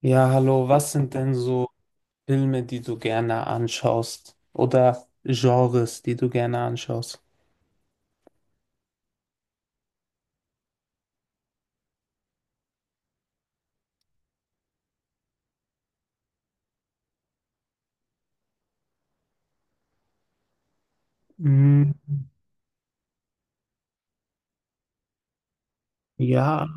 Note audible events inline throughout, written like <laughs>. Ja, hallo, was sind denn so Filme, die du gerne anschaust? Oder Genres, die du gerne anschaust? Mm, Ja,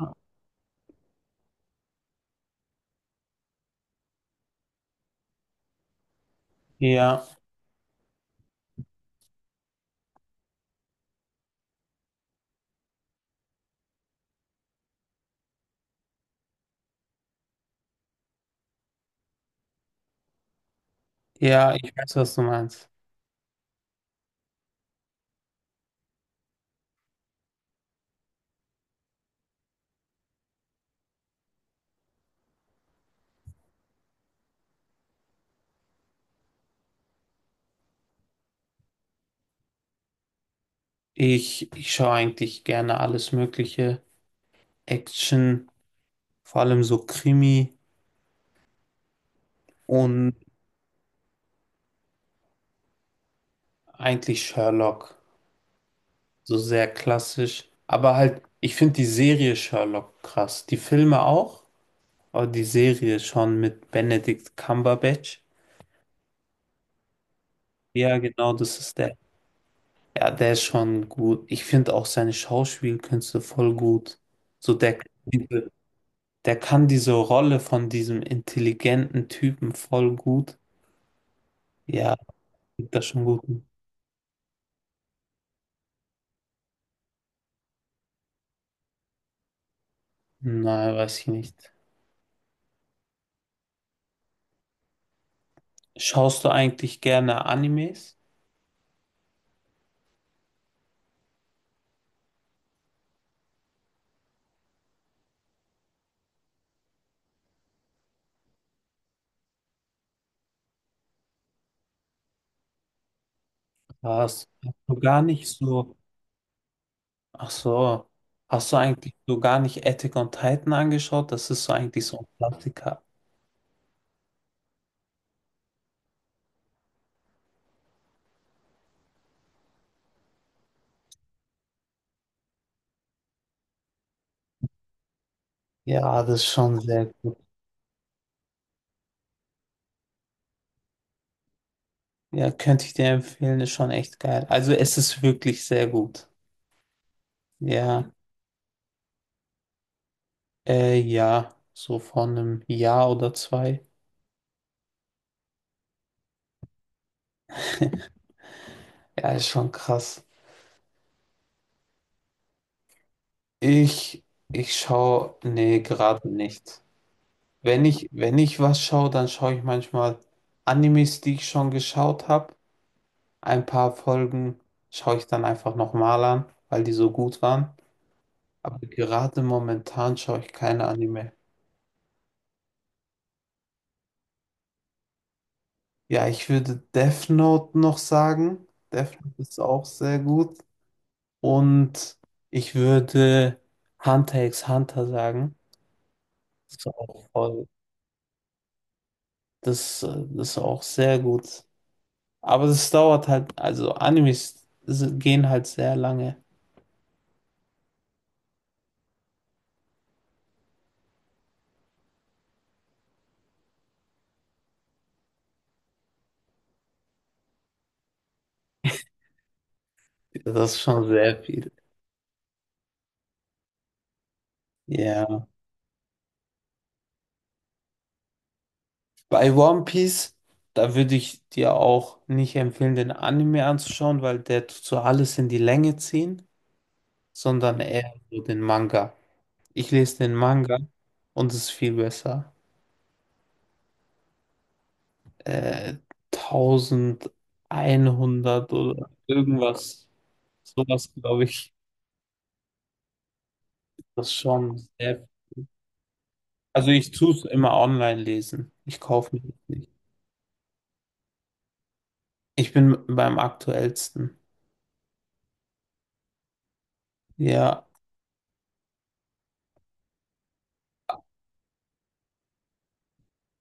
ja, ja, ich weiß, was du meinst. Ich schaue eigentlich gerne alles Mögliche. Action, vor allem so Krimi und eigentlich Sherlock. So sehr klassisch. Aber halt, ich finde die Serie Sherlock krass. Die Filme auch, aber die Serie schon mit Benedict Cumberbatch. Ja, genau, das ist der. Ja, der ist schon gut. Ich finde auch seine Schauspielkünste voll gut. So der, der kann diese Rolle von diesem intelligenten Typen voll gut. Ja, gibt das schon gut. Nein, weiß ich nicht. Schaust du eigentlich gerne Animes? Hast du gar nicht so, ach so, hast du eigentlich so gar nicht Attack on Titan angeschaut? Das ist so eigentlich so ein Klassiker. Ja, das ist schon sehr gut. Ja, könnte ich dir empfehlen, ist schon echt geil. Also es ist wirklich sehr gut. Ja, ja, so vor einem Jahr oder zwei. <laughs> Ja, ist schon krass. Ich, ich schaue, nee, gerade nicht. Wenn ich was schaue, dann schaue ich manchmal Animes, die ich schon geschaut habe. Ein paar Folgen schaue ich dann einfach nochmal an, weil die so gut waren. Aber gerade momentan schaue ich keine Anime. Ja, ich würde Death Note noch sagen. Death Note ist auch sehr gut. Und ich würde Hunter x Hunter sagen. Das ist auch voll, das ist auch sehr gut. Aber das dauert halt, also Animes gehen halt sehr lange. Das ist schon sehr viel. Ja. Bei One Piece, da würde ich dir auch nicht empfehlen, den Anime anzuschauen, weil der tut so alles in die Länge ziehen, sondern eher so den Manga. Ich lese den Manga und es ist viel besser. äh, 1100 oder irgendwas. Sowas glaube ich. Das ist schon sehr. Also ich tue es immer online lesen. Ich kaufe mir das nicht. Ich bin beim aktuellsten. Ja.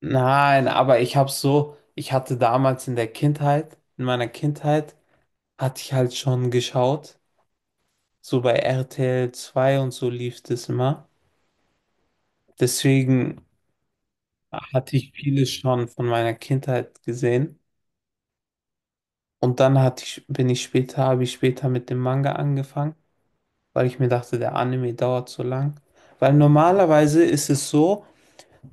Nein, aber ich habe so, ich hatte damals in der Kindheit, in meiner Kindheit, hatte ich halt schon geschaut. So bei RTL 2 und so lief das immer. Deswegen hatte ich vieles schon von meiner Kindheit gesehen. Und dann hatte ich, bin ich später, habe ich später mit dem Manga angefangen, weil ich mir dachte, der Anime dauert so lang. Weil normalerweise ist es so,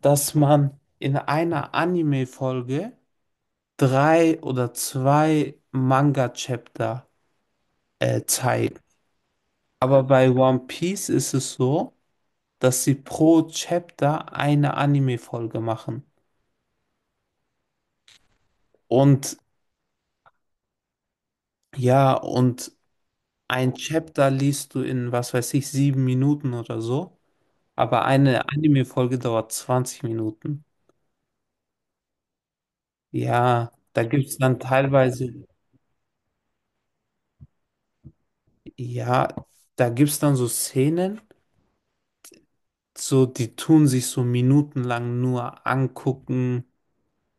dass man in einer Anime-Folge drei oder zwei Manga-Chapter zeigt. Aber bei One Piece ist es so, dass sie pro Chapter eine Anime-Folge machen. Und ja, und ein Chapter liest du in, was weiß ich, 7 Minuten oder so. Aber eine Anime-Folge dauert 20 Minuten. Ja, da gibt es dann teilweise, ja, da gibt es dann so Szenen, so die tun sich so minutenlang nur angucken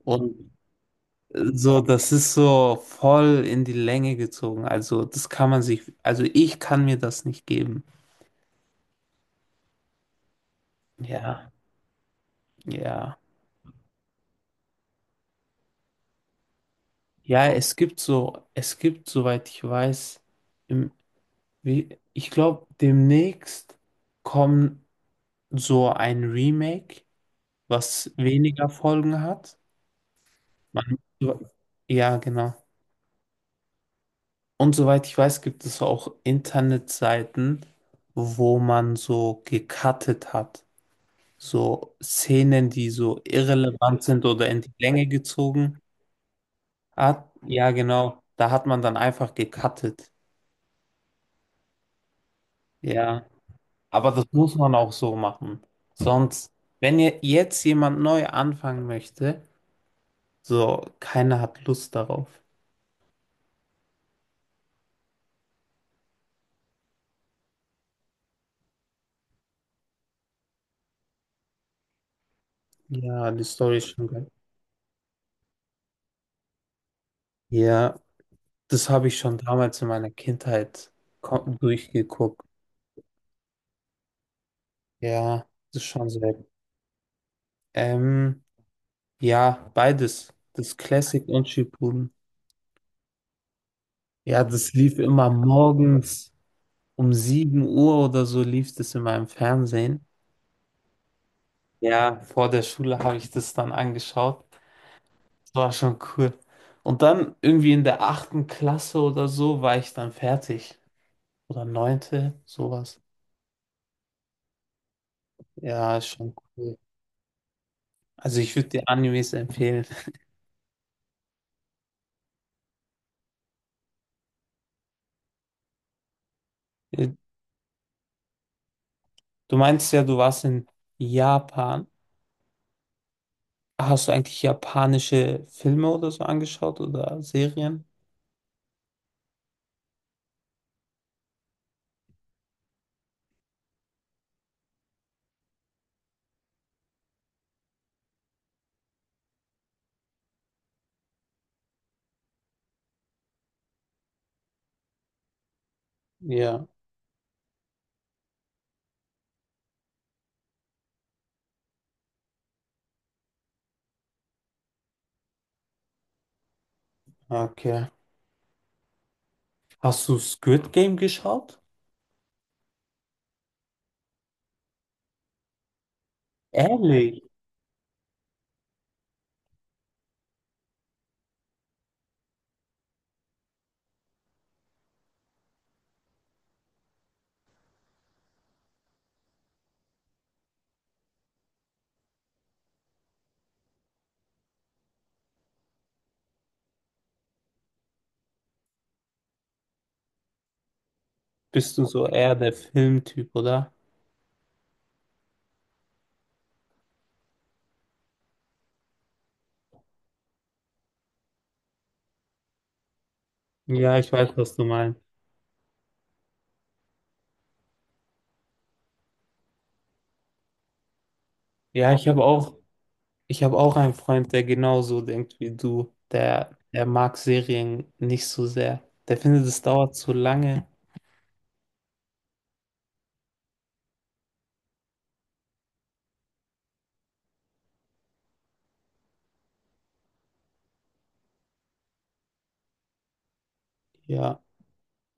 und so, das ist so voll in die Länge gezogen. Also, das kann man sich, also ich kann mir das nicht geben. Ja, ja. Ja, es gibt so, es gibt, soweit ich weiß, im, wie, ich glaube, demnächst kommen. So ein Remake, was weniger Folgen hat. Man, ja, genau. Und soweit ich weiß, gibt es auch Internetseiten, wo man so gecuttet hat. So Szenen, die so irrelevant sind oder in die Länge gezogen hat. Ja, genau. Da hat man dann einfach gecuttet. Ja. Aber das muss man auch so machen. Sonst, wenn ihr jetzt jemand neu anfangen möchte, so keiner hat Lust darauf. Ja, die Story ist schon geil. Ja, das habe ich schon damals in meiner Kindheit durchgeguckt. Ja, das ist schon sehr. Ähm, ja, beides. Das Classic und Shippuden. Ja, das lief immer morgens um 7 Uhr oder so lief das in meinem Fernsehen. Ja, vor der Schule habe ich das dann angeschaut. Das war schon cool. Und dann irgendwie in der 8. Klasse oder so war ich dann fertig. Oder neunte, sowas. Ja, ist schon cool. Also ich würde dir Animes empfehlen. Äh, Du meinst ja, du warst in Japan. Hast du eigentlich japanische Filme oder so angeschaut oder Serien? Ja, okay. Hast du Squid Game geschaut? Ehrlich? Bist du so eher der Filmtyp, oder? Ja, ich weiß, was du meinst. Ja, ich habe auch, ich habe auch einen Freund, der genauso denkt wie du. Der mag Serien nicht so sehr. Der findet, es dauert zu lange. Ja.